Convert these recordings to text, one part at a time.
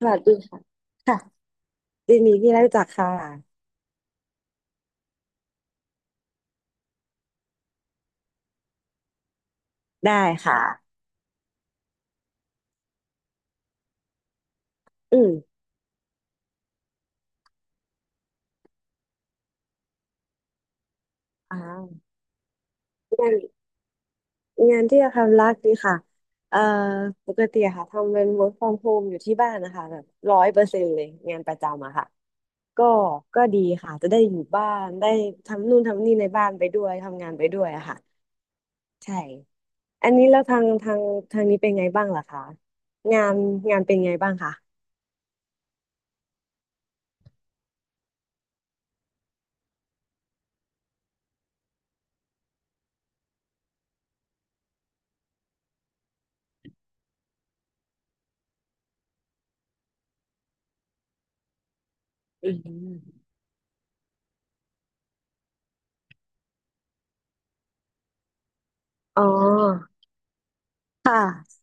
สวัสดีค่ะค่ะยินดีที่ได้รู้จักค่ะได้ค่ะอืมอ่างานที่จะทำรักดีค่ะเอ่อปกติอะค่ะทำเป็น work from home อยู่ที่บ้านนะคะแบบ100%เลยงานประจำอะค่ะก็ก็ดีค่ะจะได้อยู่บ้านได้ทำนู่นทำนี่ในบ้านไปด้วยทำงานไปด้วยอะค่ะใช่อันนี้แล้วทางนี้เป็นไงบ้างล่ะคะงานงานเป็นไงบ้างคะอืมอ๋อค่ะ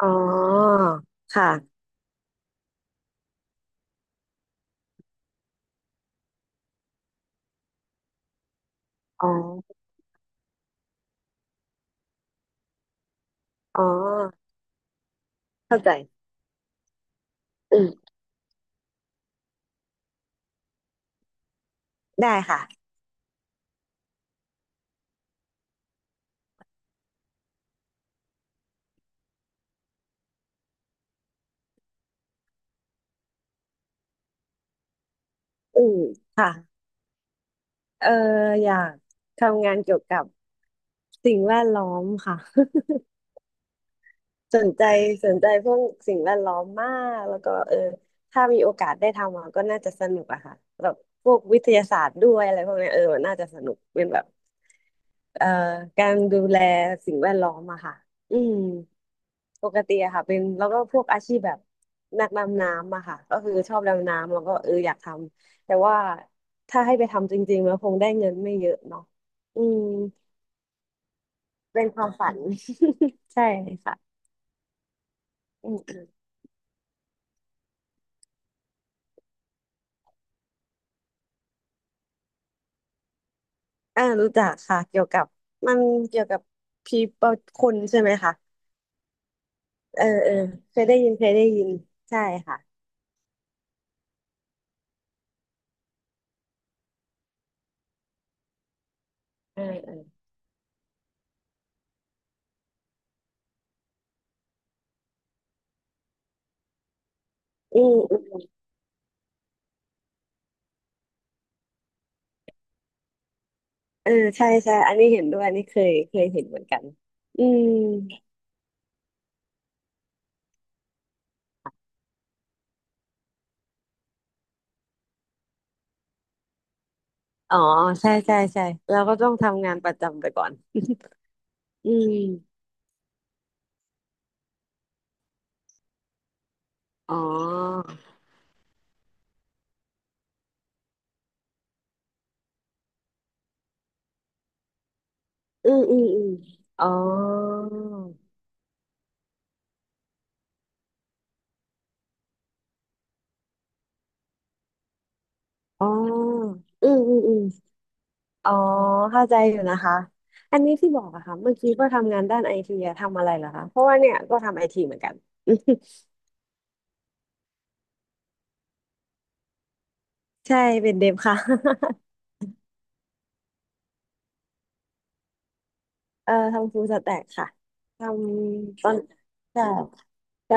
อ๋อค่ะอ๋อ อ๋อเข้าใจอืมได้ค่ะอืมค่ะเอออยากทำงานเกี่ยวกับสิ่งแวดล้อมค่ะ สนใจพวกสิ่งแวดล้อมมากแล้วก็เออถ้ามีโอกาสได้ทำอะก็น่าจะสนุกอะค่ะแบบพวกวิทยาศาสตร์ด้วยอะไรพวกเนี้ยเออมันน่าจะสนุกเป็นแบบ เอ่อการดูแลสิ่งแวดล้อมอะค่ะ อืมปกติอะค่ะเป็นแล้วก็พวกอาชีพแบบนักดำน้ำอะค่ะก็คือชอบดำน้ำแล้วก็เอออยากทำแต่ว่าถ้าให้ไปทำจริงๆแล้วคงได้เงินไม่เยอะเนาะอืมเป็นความฝัน ใช่ค่ะอืมรู้จักค่ะเกี่ยวกับมันเกี่ยวกับพีเปิลคนใช่ไหมคะเออเออเคยได้ยินเคยได้ยินใช่ค่ะเออเอออืม เออใช่ใช่อันนี้เห็นด้วยอันนี้เคยเคยเห็นเหมือนกันอืมอ๋อใช่ใช่ใช่เราก็ต้องทำงานประจำไปก่อนอืมอ๋ออืมอืมอืมอ๋ออ๋ออืมอืมอืมอ๋อเข้าใจอยู่นะคะอันนี้ที่บอกอะค่ะเมื่อกี้ก็ทำงานด้านไอทีอะทำอะไรเหรอคะเพราะว่าเนี่ยก็ทำไอทีเหมือนกัน ใช่เป็นเดฟค่ะ เออทำฟูลสแต็กค่ะทำตอนใช่ใช่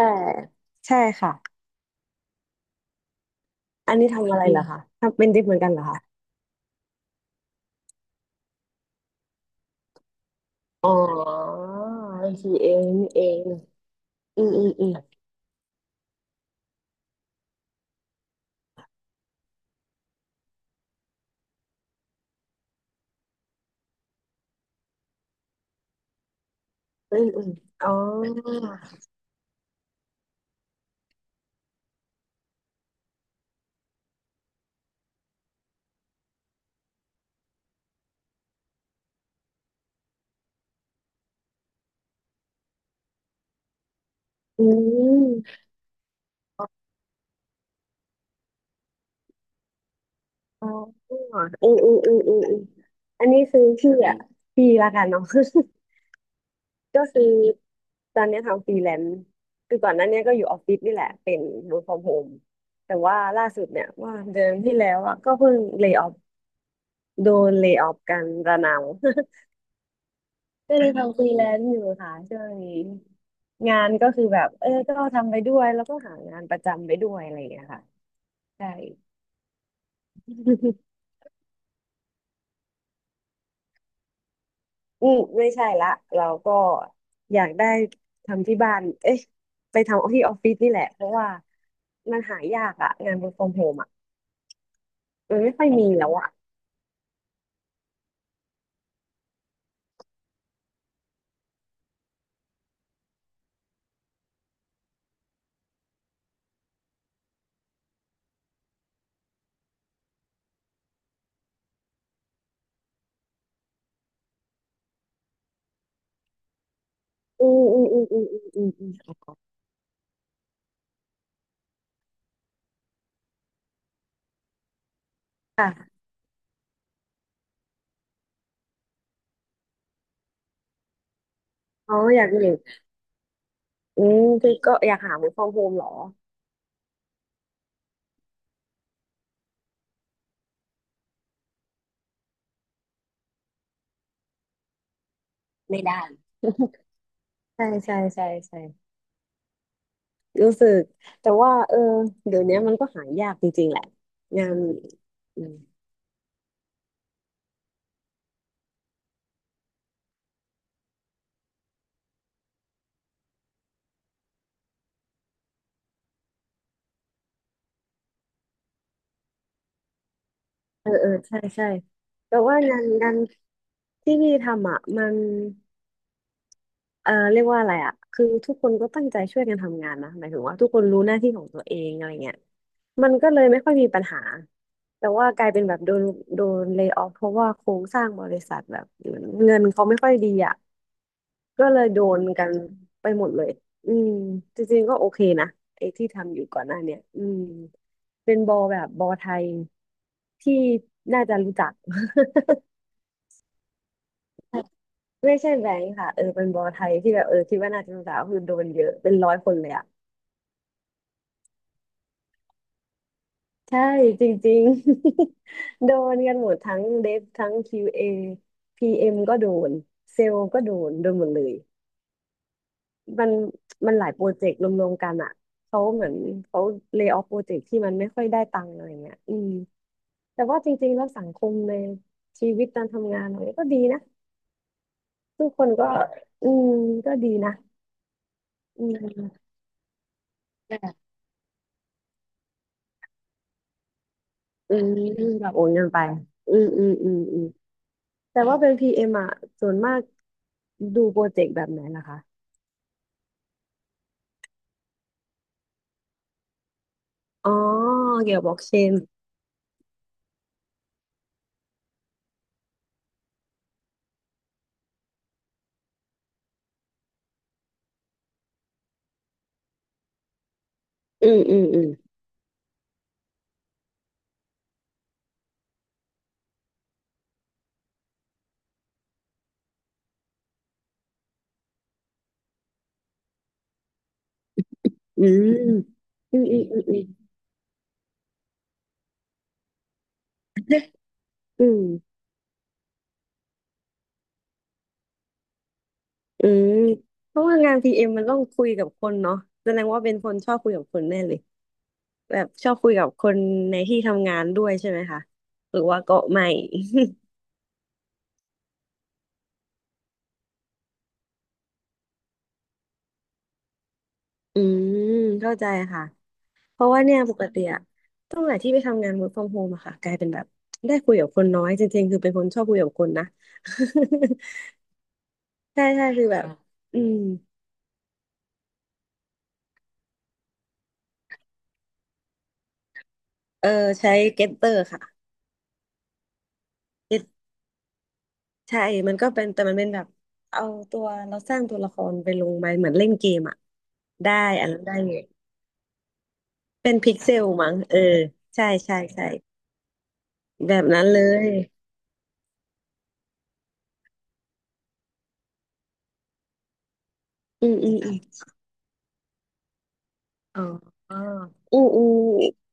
ใช่ค่ะ อันนี้ทำอะไรเหรอคะ ทำเป็นดิบเหมือนกันเหรอคะอ๋อบัญีเองนี่เองอืมอืมอืมอืมอืมอ๋ออืมอ๋ออืมอืมอืมอืมอมอันนี้คือพี่อ่ะพี่ละกันเนาะ ก็คือตอนเนี้ยทำฟรีแลนซ์คือก่อนหน้าเนี้ยก็อยู่ออฟฟิศนี่แหละเป็น work from home แต่ว่าล่าสุดเนี่ยว่าเดือนที่แล้วอ่ะก็เพิ่งเล y o ออโดนเล y o ออกันระนาว ก็เลยทำฟรีแลนซ์อยู่ค่ะช่วงนี้ งานก็คือแบบเออก็ทำไปด้วยแล้วก็หางานประจำไปด้วยอะไรอย่างเงี้ยค่ะใช่ อืมไม่ใช่ละเราก็อยากได้ทำที่บ้านเอ๊ะไปทำที่ออฟฟิศนี่แหละเพราะว่ามันหายากอะงาน work from home อะมันไม่ค่อยมีแล้วอะอืมอืมอืมอืมอืมอืมอืมค่ะอ๋ออยากมีอืมคือก็อยากหา work from home เหรอไม่ได้ใช่ใช่ใช่ใช่รู้สึกแต่ว่าเออเดี๋ยวนี้มันก็หายากจริงๆแหละงาน เออเออใช่ใช่แต่ว่างานที่พี่ทำอ่ะมันเออเรียกว่าอะไรอ่ะคือทุกคนก็ตั้งใจช่วยกันทำงานนะหมายถึงว่าทุกคนรู้หน้าที่ของตัวเองอะไรเงี้ยมันก็เลยไม่ค่อยมีปัญหาแต่ว่ากลายเป็นแบบโดนเล y o อ f เพราะว่าโครงสร้างบริษัทแบบเงินเขาไม่ค่อยดีอ่ะก็เลยโดนกันไปหมดเลยอืมจริงๆก็โอเคนะไอ้ที่ทำอยู่ก่อนหน้าเนี้ยอืมเป็นบอแบบบอไทยที่น่าจะรู้จัก ไม่ใช่แบงค์ค่ะเออเป็นบอไทยที่แบบเออคิดว่าน่าจะสาวคือโดนเยอะเป็นร้อยคนเลยอ่ะใช่จริงๆ โดนกันหมดทั้งเดฟทั้ง QA PM ก็โดนเซลล์ก็โดนโดนหมดเลยมันมันหลายโปรเจกต์รวมๆกันอ่ะเขาเหมือนเขาเล y o อ f โปรเจกต์ที่มันไม่ค่อยได้ตังค์อะไรเงี้ยอืมแต่ว่าจริงๆแล้วสังคมในชีวิตการทำงานเราเนี่ยก็ดีนะทุกคนก็อืมก็ดีนะอืม อืมแบบโอนเงินไปอืมอืมอืมอืมแต่ว่าเป็นพีเอ็มอ่ะส่วนมากดูโปรเจกต์แบบไหนล่ะคะอ๋อเกี่ยวกับบล็อกเชนอืมอืมอืมอืมอืมอืมอืมอืมอืมอืมเพราะว่างานพีเอ็มมันต้องคุยกับคนเนาะแสดงว่าเป็นคนชอบคุยกับคนแน่เลยแบบชอบคุยกับคนในที่ทำงานด้วยใช่ไหมคะหรือว่าก็ไม่ อืมเข้าใจค่ะ เพราะว่าเนี่ยปกติอะตั้งแต่ที่ไปทำงาน work from home อะค่ะกลายเป็นแบบได้คุยกับคนน้อยจริงๆคือเป็นคนชอบคุยกับคนนะ ใช่ใช่คือแบบอ่ืมเออใช้ Getter ค่ะ Get ใช่มันก็เป็นแต่มันเป็นแบบเอาตัวเราสร้างตัวละครไปลงไปเหมือนเล่นเกมอะได้อันนั้นได้เลยเป็นพิกเซลมั้งเออใช่ใช่ใช่แบบนั้นเลยอืมอืมอืมอ๋ออืออือ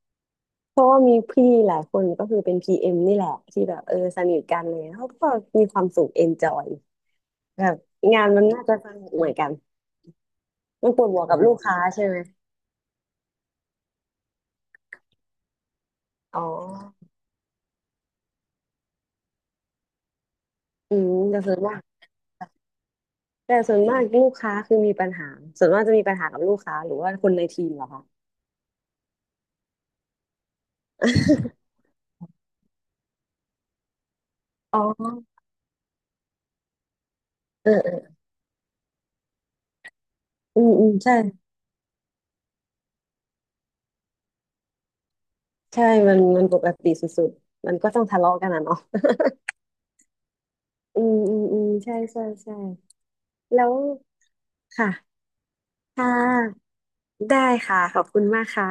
เพราะว่ามีพี่หลายคนก็คือเป็นพีเอ็มนี่แหละที่แบบเออสนิทกันเลยเขาก็มีความสุขเอนจอยแบบงานมันน่าจะสนุกเหมือนกันมันปวดหัวกับลูกค้าใช่ไหมอ๋ออืมแต่ส่วนมากลูกค้าคือมีปัญหาส่วนมากจะมีปัญหากับลูกค้าหรือว่าคนในทีมเหรอคะ อ๋อเออเอออืมอืมใช่ใช่มันมันปกติสุดๆมันก็ต้องทะเลาะกันนะเนาะ อืมอืมอืมใช่ใช่ใช่แล้วค่ะค่ะ ได้ค่ะขอบคุณมากค่ะ